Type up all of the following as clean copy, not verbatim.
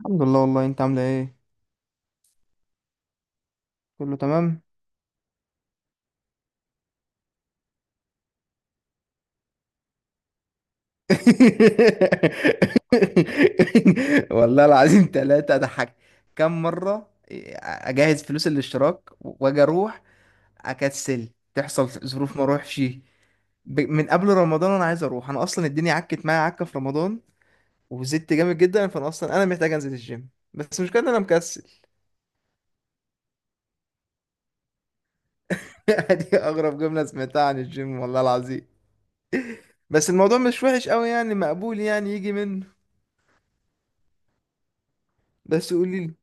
الحمد لله، والله انت عامله ايه؟ كله تمام. والله العظيم، ثلاثة أضحك كم مرة. أجهز فلوس الاشتراك وأجي أروح، أكسل تحصل ظروف ما أروحش. من قبل رمضان أنا عايز أروح، أنا أصلا الدنيا عكت معايا عكة في رمضان وزدت جامد جدا، فأنا أصلا أنا محتاج أنزل الجيم، بس مش كده أنا مكسل. دي أغرب جملة سمعتها عن الجيم والله العظيم. بس الموضوع مش وحش قوي يعني، مقبول يعني، يجي منه. بس قولي،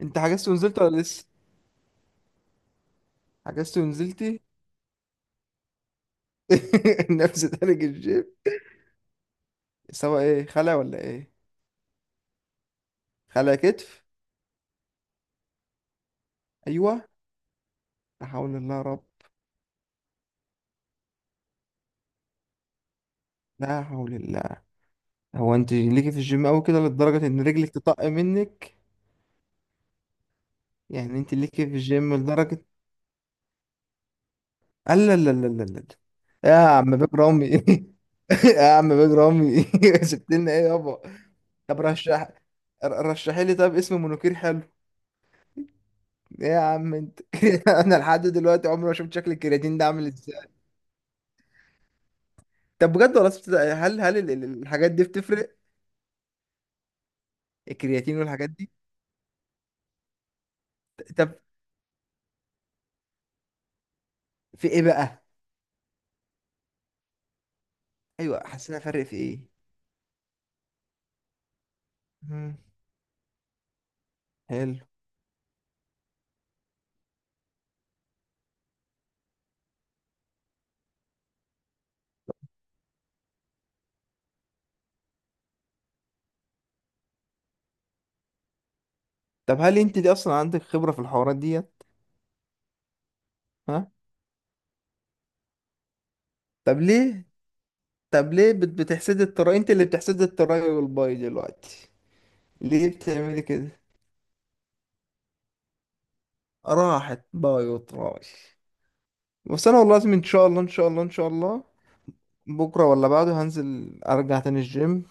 انت حجزت ونزلت ولا لسه؟ حجزت ونزلتي؟ نفس تلج الجيب سوا. ايه، خلع ولا ايه؟ خلع كتف؟ ايوه. لا حول الله يا رب، لا حول الله. هو انت ليكي في الجيم قوي كده لدرجه ان رجلك تطق منك؟ يعني انت ليكي في الجيم لدرجه؟ لا لا لا لا لا لا. يا عم بيج رامي، يا عم بيج رامي سبت لنا ايه يابا؟ طب رشح، رشحي لي طب اسم منوكير حلو، ايه يا عم انت. انا لحد دلوقتي عمري ما شفت شكل الكرياتين ده عامل ازاي. طب بجد والله، الحاجات دي بتفرق؟ الكرياتين والحاجات دي؟ طب في ايه بقى؟ ايوه حاسس انها فرق في ايه. مم. حلو. طب هل انت دي اصلا عندك خبرة في الحوارات ديت؟ ها؟ طب ليه؟ طب ليه بتحسدي التراي؟ انت اللي بتحسدي التراي والباي دلوقتي؟ ليه بتعملي كده؟ راحت باي وتراي. بس انا والله لازم ان شاء الله ان شاء الله ان شاء الله بكرة ولا بعده هنزل ارجع تاني الجيم،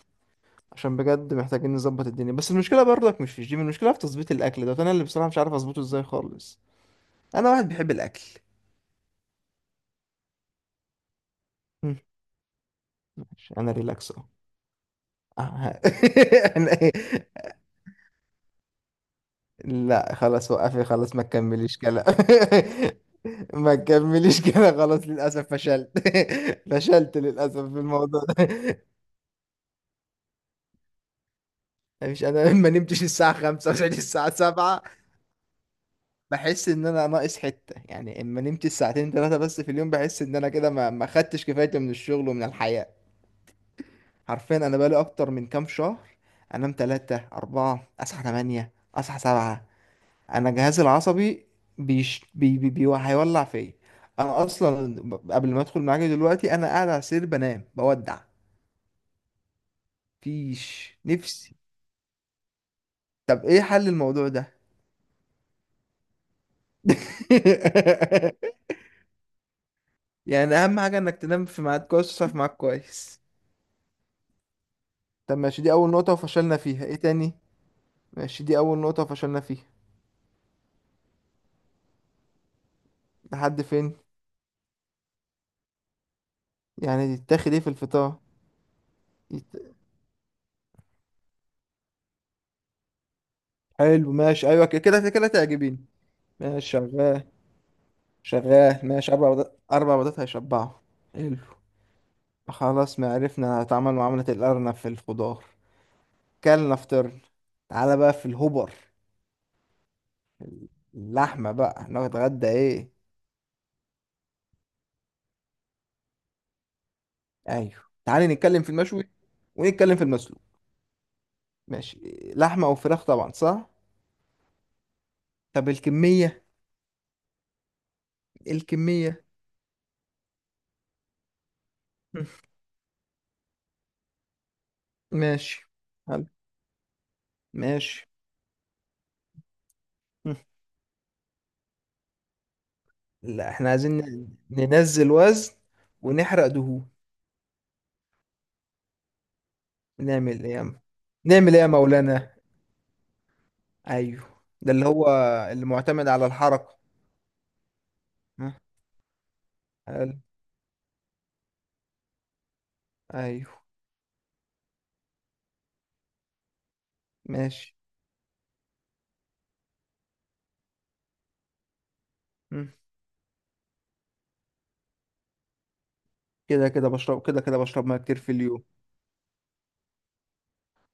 عشان بجد محتاجين نظبط الدنيا. بس المشكله برضك مش في الجيم، المشكله في تظبيط الاكل، ده انا اللي بصراحه مش عارف اظبطه ازاي خالص، انا واحد بيحب الاكل. مم. ماشي انا ريلاكس اهو. آه. أنا إيه؟ لا خلاص وقفي خلاص ما تكمليش كلام، ما تكمليش كده خلاص، للاسف فشلت. فشلت للاسف في الموضوع ده. مش انا ما نمتش الساعه 5 وصحيت الساعه 7؟ بحس ان انا ناقص حته يعني، اما نمت ساعتين ثلاثه بس في اليوم بحس ان انا كده ما خدتش كفايتي من الشغل ومن الحياه. حرفيا انا بقالي اكتر من كام شهر انام ثلاثة أربعة، اصحى 8، اصحى 7. انا جهازي العصبي بيش بي بي بي هيولع فيا. انا اصلا قبل ما ادخل معاك دلوقتي انا قاعد على السرير بنام بودع، فيش نفسي. طب ايه حل الموضوع ده؟ يعني اهم حاجه انك تنام في ميعاد كويس وتصحى في ميعاد كويس. طب ماشي، دي أول نقطة وفشلنا فيها، ايه تاني؟ ماشي دي أول نقطة وفشلنا فيها، لحد فين؟ يعني يتاخد ايه في الفطار؟ يت... حلو ماشي أيوة كده كده كده تعجبين. ماشي شغال. شغال ماشي. أربع بيضات، أربع بيضات هيشبعوا. حلو. خلاص، ما عرفنا نتعامل معاملة الأرنب في الخضار، كلنا فطرنا. تعالى بقى في الهبر، اللحمة بقى نتغدى ايه؟ ايوه تعالي نتكلم في المشوي ونتكلم في المسلوق، ماشي. لحمة او فراخ طبعا، صح؟ طب الكمية، الكمية. مم. ماشي. حلو. ماشي. مم. لا احنا عايزين ننزل وزن ونحرق دهون. نعمل ايه يا عم؟ نعمل ايه يا مولانا؟ ايوه ده اللي هو، اللي معتمد على الحركة. مم. حلو. ايوه. ماشي. مم. كده كده بشرب ميه كتير في اليوم.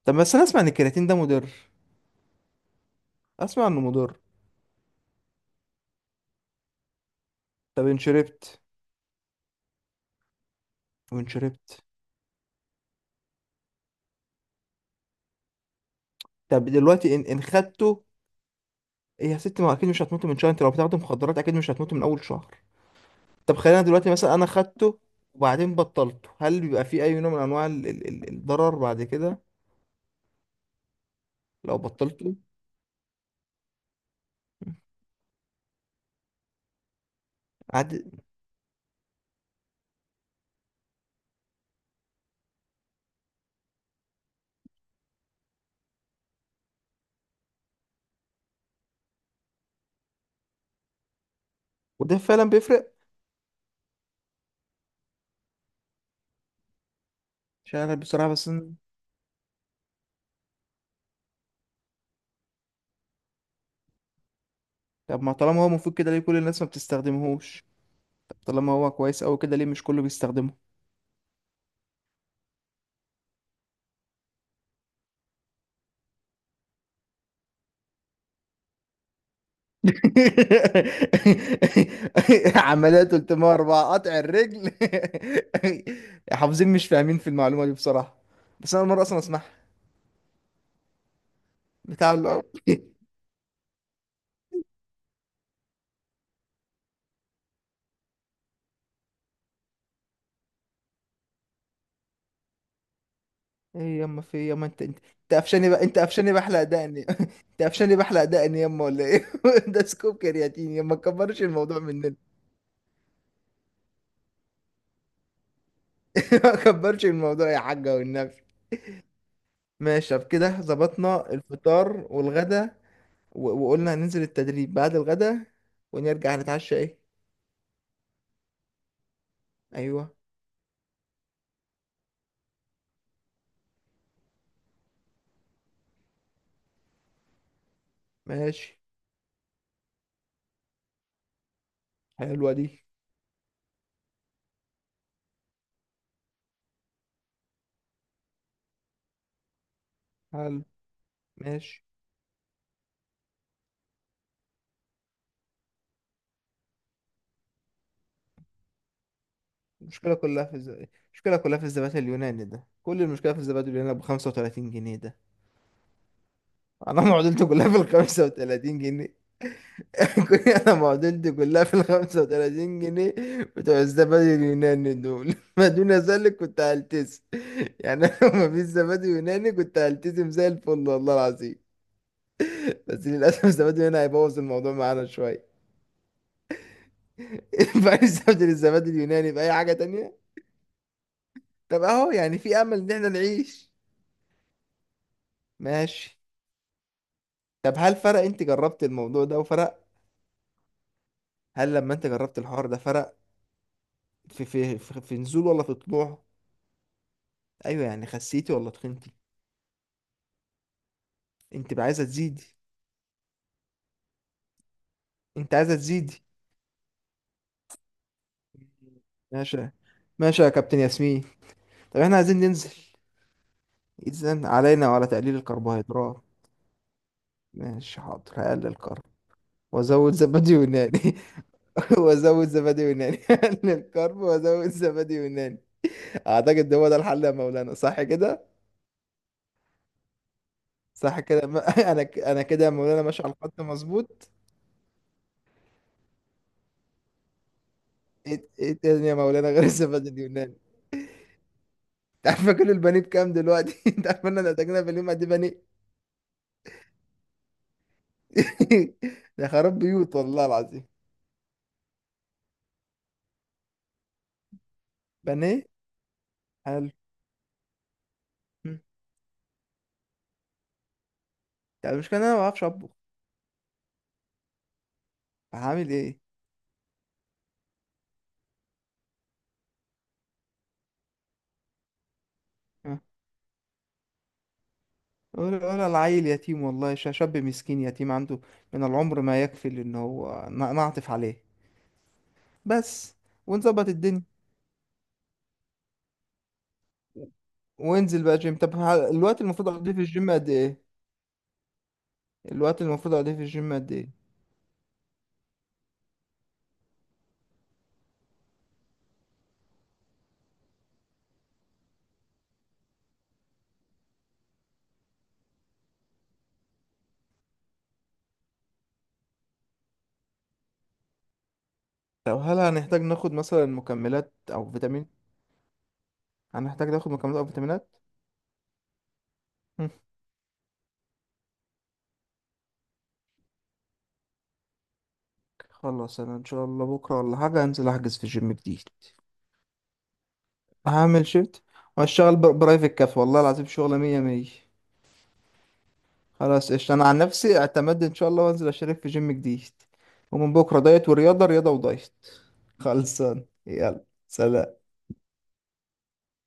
طب بس انا اسمع ان الكرياتين ده مضر، اسمع انه مضر. طب ان شربت؟ وان شربت؟ طب دلوقتي ان خدته، إيه يا ست؟ ما اكيد مش هتموت من شهر، انت لو بتاخد مخدرات اكيد مش هتموت من اول شهر. طب خلينا دلوقتي مثلا انا خدته وبعدين بطلته، هل بيبقى فيه اي نوع من انواع الضرر بعد كده؟ لو بطلته. عادي. وده فعلا بيفرق؟ عشان انا بصراحة بس طب ما طالما هو مفيد كده ليه كل الناس ما بتستخدمهوش؟ طب طالما هو كويس قوي كده ليه مش كله بيستخدمه؟ عملية 304 قطع الرجل. حافظين مش فاهمين في المعلومة دي بصراحة. بس انا أول مرة اصلا اسمعها. بتاع الأرض. ايه يما؟ في إيه يما؟ انت قفشاني بقى، انت قفشاني بحلق دقني؟ انت قفشاني بحلق دقني يما ولا ايه؟ ده سكوب كرياتين يما، ما تكبرش الموضوع مننا. ما تكبرش الموضوع يا حاجة والنبي. ماشي طب كده ظبطنا الفطار والغدا، وقلنا هننزل التدريب بعد الغدا ونرجع نتعشى ايه؟ ايوه. ماشي. حلوة دي. حلو. ماشي. المشكلة كلها في المشكلة كلها في الزبادي اليوناني ده، كل المشكلة في الزبادي اليوناني ب 35 جنيه ده. انا معضلته كلها في ال 35 جنيه. كل انا معدلتي كلها في ال 35 جنيه بتوع الزبادي اليوناني دول. ما دون ذلك كنت هلتزم يعني. انا لو ما فيش زبادي يوناني كنت هلتزم زي الفل والله العظيم، بس للاسف الزبادي اليوناني هيبوظ الموضوع معانا شويه. فعايز استبدل الزبادي اليوناني باي حاجه تانية. طب اهو يعني في امل ان احنا نعيش. ماشي. طب هل فرق؟ انت جربت الموضوع ده وفرق؟ هل لما انت جربت الحوار ده فرق؟ في نزول ولا في طلوع؟ ايوه يعني خسيتي ولا تخنتي؟ انت بقى عايزه تزيدي؟ انت عايزة تزيدي؟ ماشي. ماشي يا كابتن ياسمين. طب احنا عايزين ننزل، اذا علينا وعلى تقليل الكربوهيدرات. ماشي حاضر هقلل كرب وازود زبادي يوناني. وازود زبادي يوناني. هقلل كرب وازود زبادي يوناني، اعتقد ده هو ده الحل يا مولانا، صح كده؟ صح كده انا انا كده يا مولانا ماشي على الخط مظبوط. ايه، ايه تاني يا مولانا غير الزبادي اليوناني؟ انت عارفه كل البانيه بكام دلوقتي؟ انت عارفه ان احنا محتاجينها في اليوم قد ايه بانيه؟ ده خراب بيوت والله العظيم. بانيه. حلو. مم. يعني المشكلة إن أنا ما بعرفش أطبخ، هعمل إيه؟ ها؟ ولا العيل يتيم والله، شاب مسكين يتيم عنده من العمر ما يكفي إن هو نعطف عليه بس، ونظبط الدنيا. وانزل بقى جيم، طب الوقت المفروض أقضيه في الجيم قد إيه؟ الوقت المفروض أقضيه في الجيم قد إيه؟ طب هل هنحتاج ناخد مثلا مكملات أو فيتامين؟ هنحتاج ناخد مكملات أو فيتامينات؟ مم. خلاص أنا إن شاء الله بكرة ولا حاجة هنزل أحجز في الجيم جديد. هعمل شيفت وهشتغل برايفت كاف والله العظيم، شغلة مية مية. خلاص قشطة، انا عن نفسي اعتمدت ان شاء الله وانزل اشترك في جيم جديد ومن بكره دايت ورياضه، رياضه ودايت، خلصان يلا سلام.